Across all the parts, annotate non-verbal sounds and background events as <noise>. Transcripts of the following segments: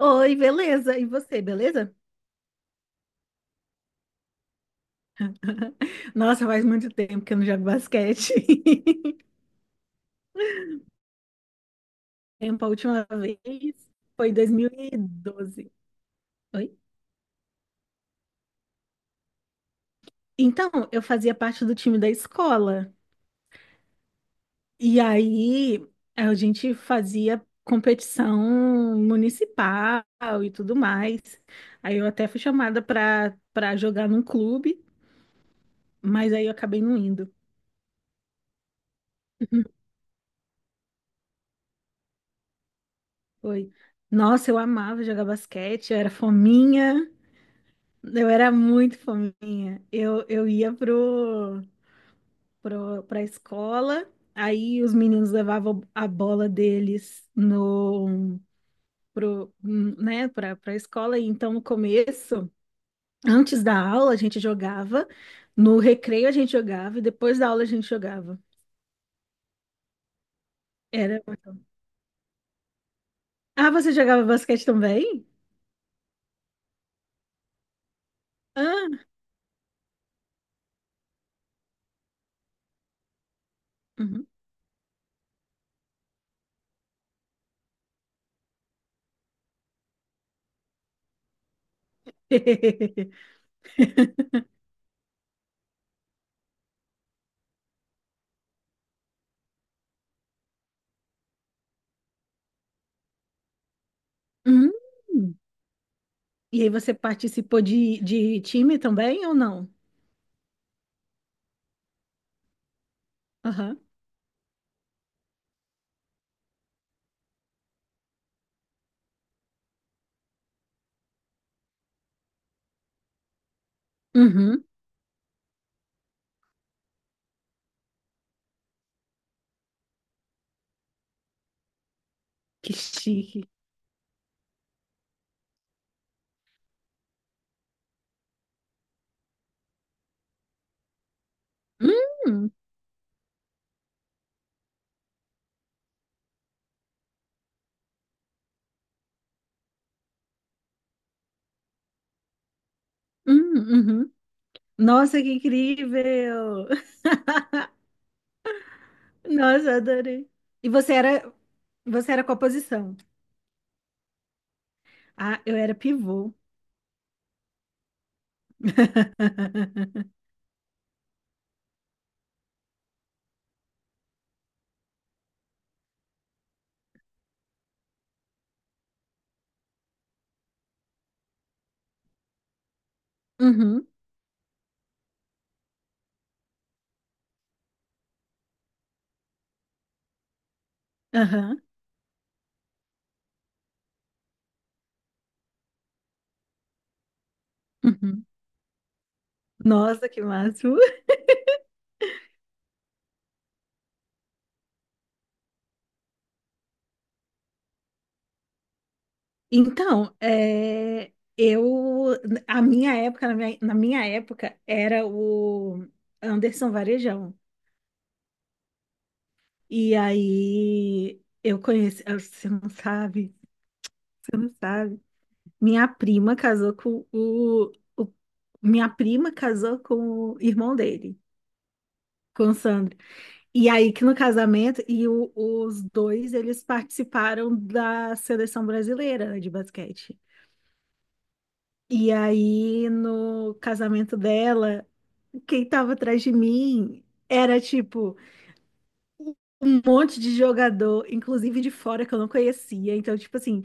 Oi, beleza? E você, beleza? <laughs> Nossa, faz muito tempo que eu não jogo basquete. <laughs> Tempo, a última vez foi em 2012. Oi? Então, eu fazia parte do time da escola. E aí, a gente fazia competição municipal e tudo mais. Aí eu até fui chamada para jogar num clube, mas aí eu acabei não indo. <laughs> Foi. Nossa, eu amava jogar basquete, eu era fominha. Eu era muito fominha. Eu ia pra escola, aí os meninos levavam a bola deles no, pro, né, pra escola. E então, no começo, antes da aula, a gente jogava, no recreio a gente jogava, e depois da aula a gente jogava. Era... Ah, você jogava basquete também? Ah, uhum. <laughs> Hum. E aí você participou de time também ou não? Aham. Uhum. Que chique. Hum, hum, uhum. Nossa, que incrível! <laughs> Nossa, adorei. E você era qual posição? Ah, eu era pivô. <laughs> Uhum, aham, uhum. Nossa, que máximo. Então, a minha época, na minha época, era o Anderson Varejão. E aí, eu conheci, ah, você não sabe, você não sabe. Minha prima casou com o, o- Minha prima casou com o irmão dele, com o Sandro. E aí que no casamento, os dois, eles participaram da seleção brasileira, né, de basquete. E aí no casamento dela, quem tava atrás de mim era tipo um monte de jogador, inclusive de fora que eu não conhecia. Então, tipo assim,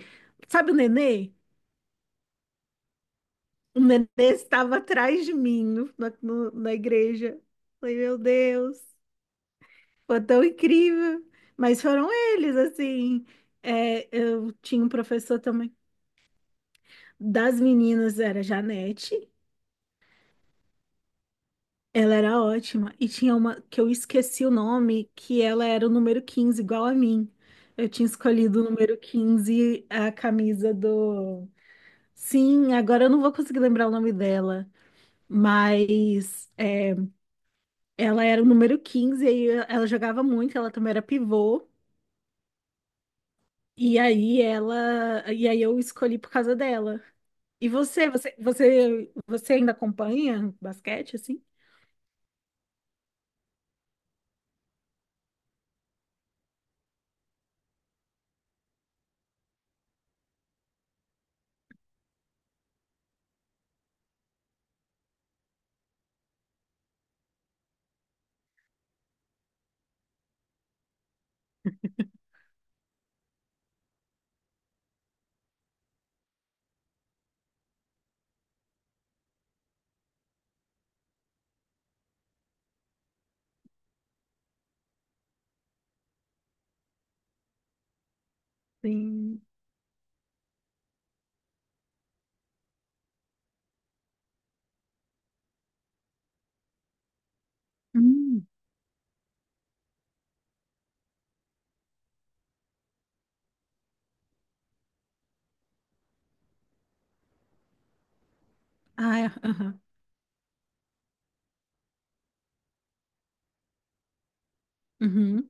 sabe o Nenê? O nenê estava atrás de mim na igreja. Falei, meu Deus, foi tão incrível. Mas foram eles, assim. É, eu tinha um professor também. Das meninas era Janete. Ela era ótima. E tinha uma que eu esqueci o nome, que ela era o número 15 igual a mim. Eu tinha escolhido o número 15 a camisa do. Sim, agora eu não vou conseguir lembrar o nome dela. Mas. Ela era o número 15, aí ela jogava muito, ela também era pivô. E aí eu escolhi por causa dela. E você ainda acompanha basquete assim? Sim. Hum. Ah, é, aham. Uhum,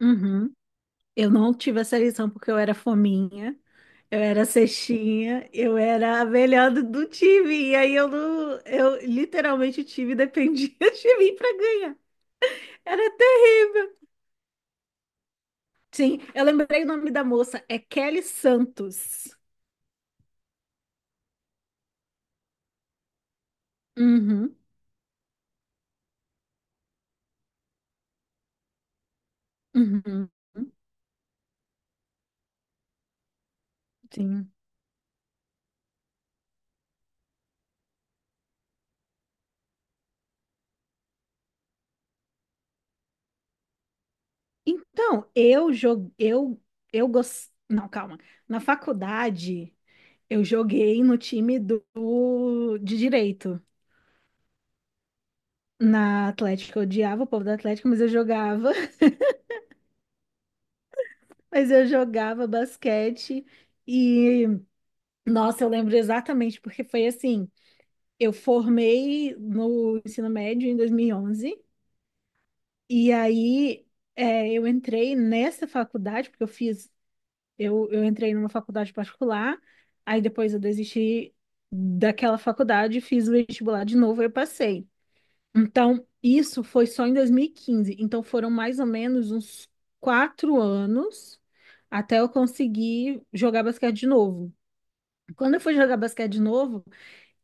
uhum. Eu não tive essa lição porque eu era fominha, eu era cestinha, eu era a melhor do time. E aí eu não, eu literalmente o time dependia <laughs> de mim para ganhar. Era terrível. Sim, eu lembrei o nome da moça, é Kelly Santos. Uhum, uhum, sim. Então, eu joguei, não, calma. Na faculdade, eu joguei no time de direito. Na Atlética, eu odiava o povo da Atlética, mas eu jogava. <laughs> Mas eu jogava basquete e, nossa, eu lembro exatamente, porque foi assim, eu formei no ensino médio em 2011. E aí eu entrei nessa faculdade, porque eu fiz, eu entrei numa faculdade particular, aí depois eu desisti daquela faculdade, fiz o vestibular de novo e eu passei. Então, isso foi só em 2015. Então, foram mais ou menos uns 4 anos até eu conseguir jogar basquete de novo. Quando eu fui jogar basquete de novo,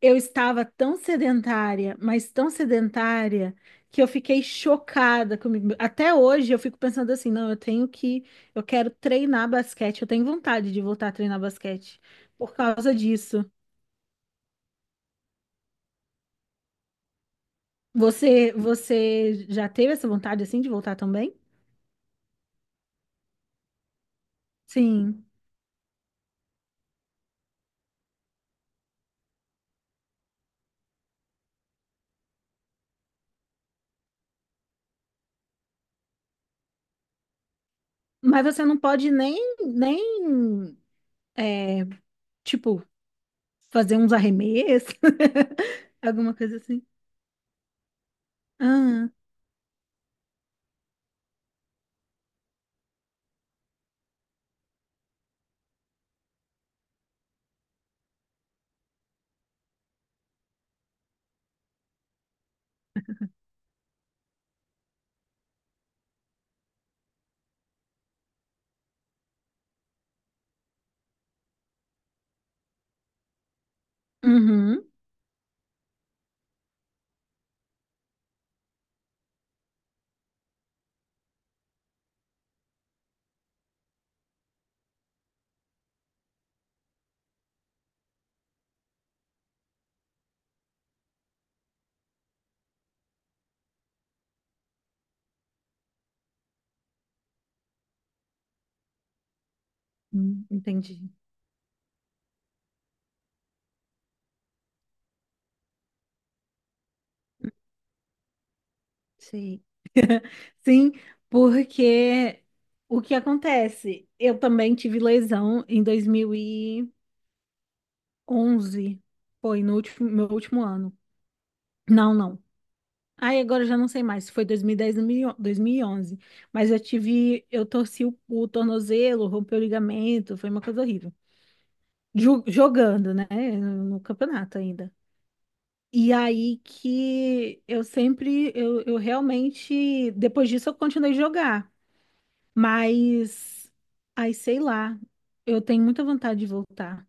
eu estava tão sedentária, mas tão sedentária, que eu fiquei chocada comigo. Até hoje eu fico pensando assim, não, eu tenho que, eu quero treinar basquete, eu tenho vontade de voltar a treinar basquete por causa disso. Você já teve essa vontade assim de voltar também? Sim. Mas você não pode nem, é, tipo, fazer uns arremessos, <laughs> alguma coisa assim. Ah, uhum. Entendi. Sei. Sim, porque o que acontece? Eu também tive lesão em 2011. Foi no último, meu último ano. Não, não. Aí agora eu já não sei mais se foi 2010 ou 2011. Mas eu tive, eu torci o tornozelo, rompeu o ligamento, foi uma coisa horrível. Jogando, né, no campeonato ainda. E aí que eu sempre, eu realmente, depois disso eu continuei a jogar. Mas, ai, sei lá, eu tenho muita vontade de voltar.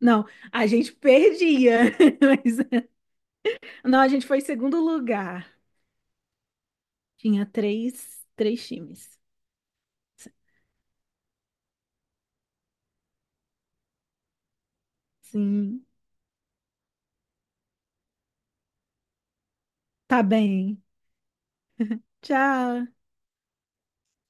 Não, a gente perdia, <laughs> mas não, a gente foi em segundo lugar. Tinha três times. Sim, tá bem. Tchau.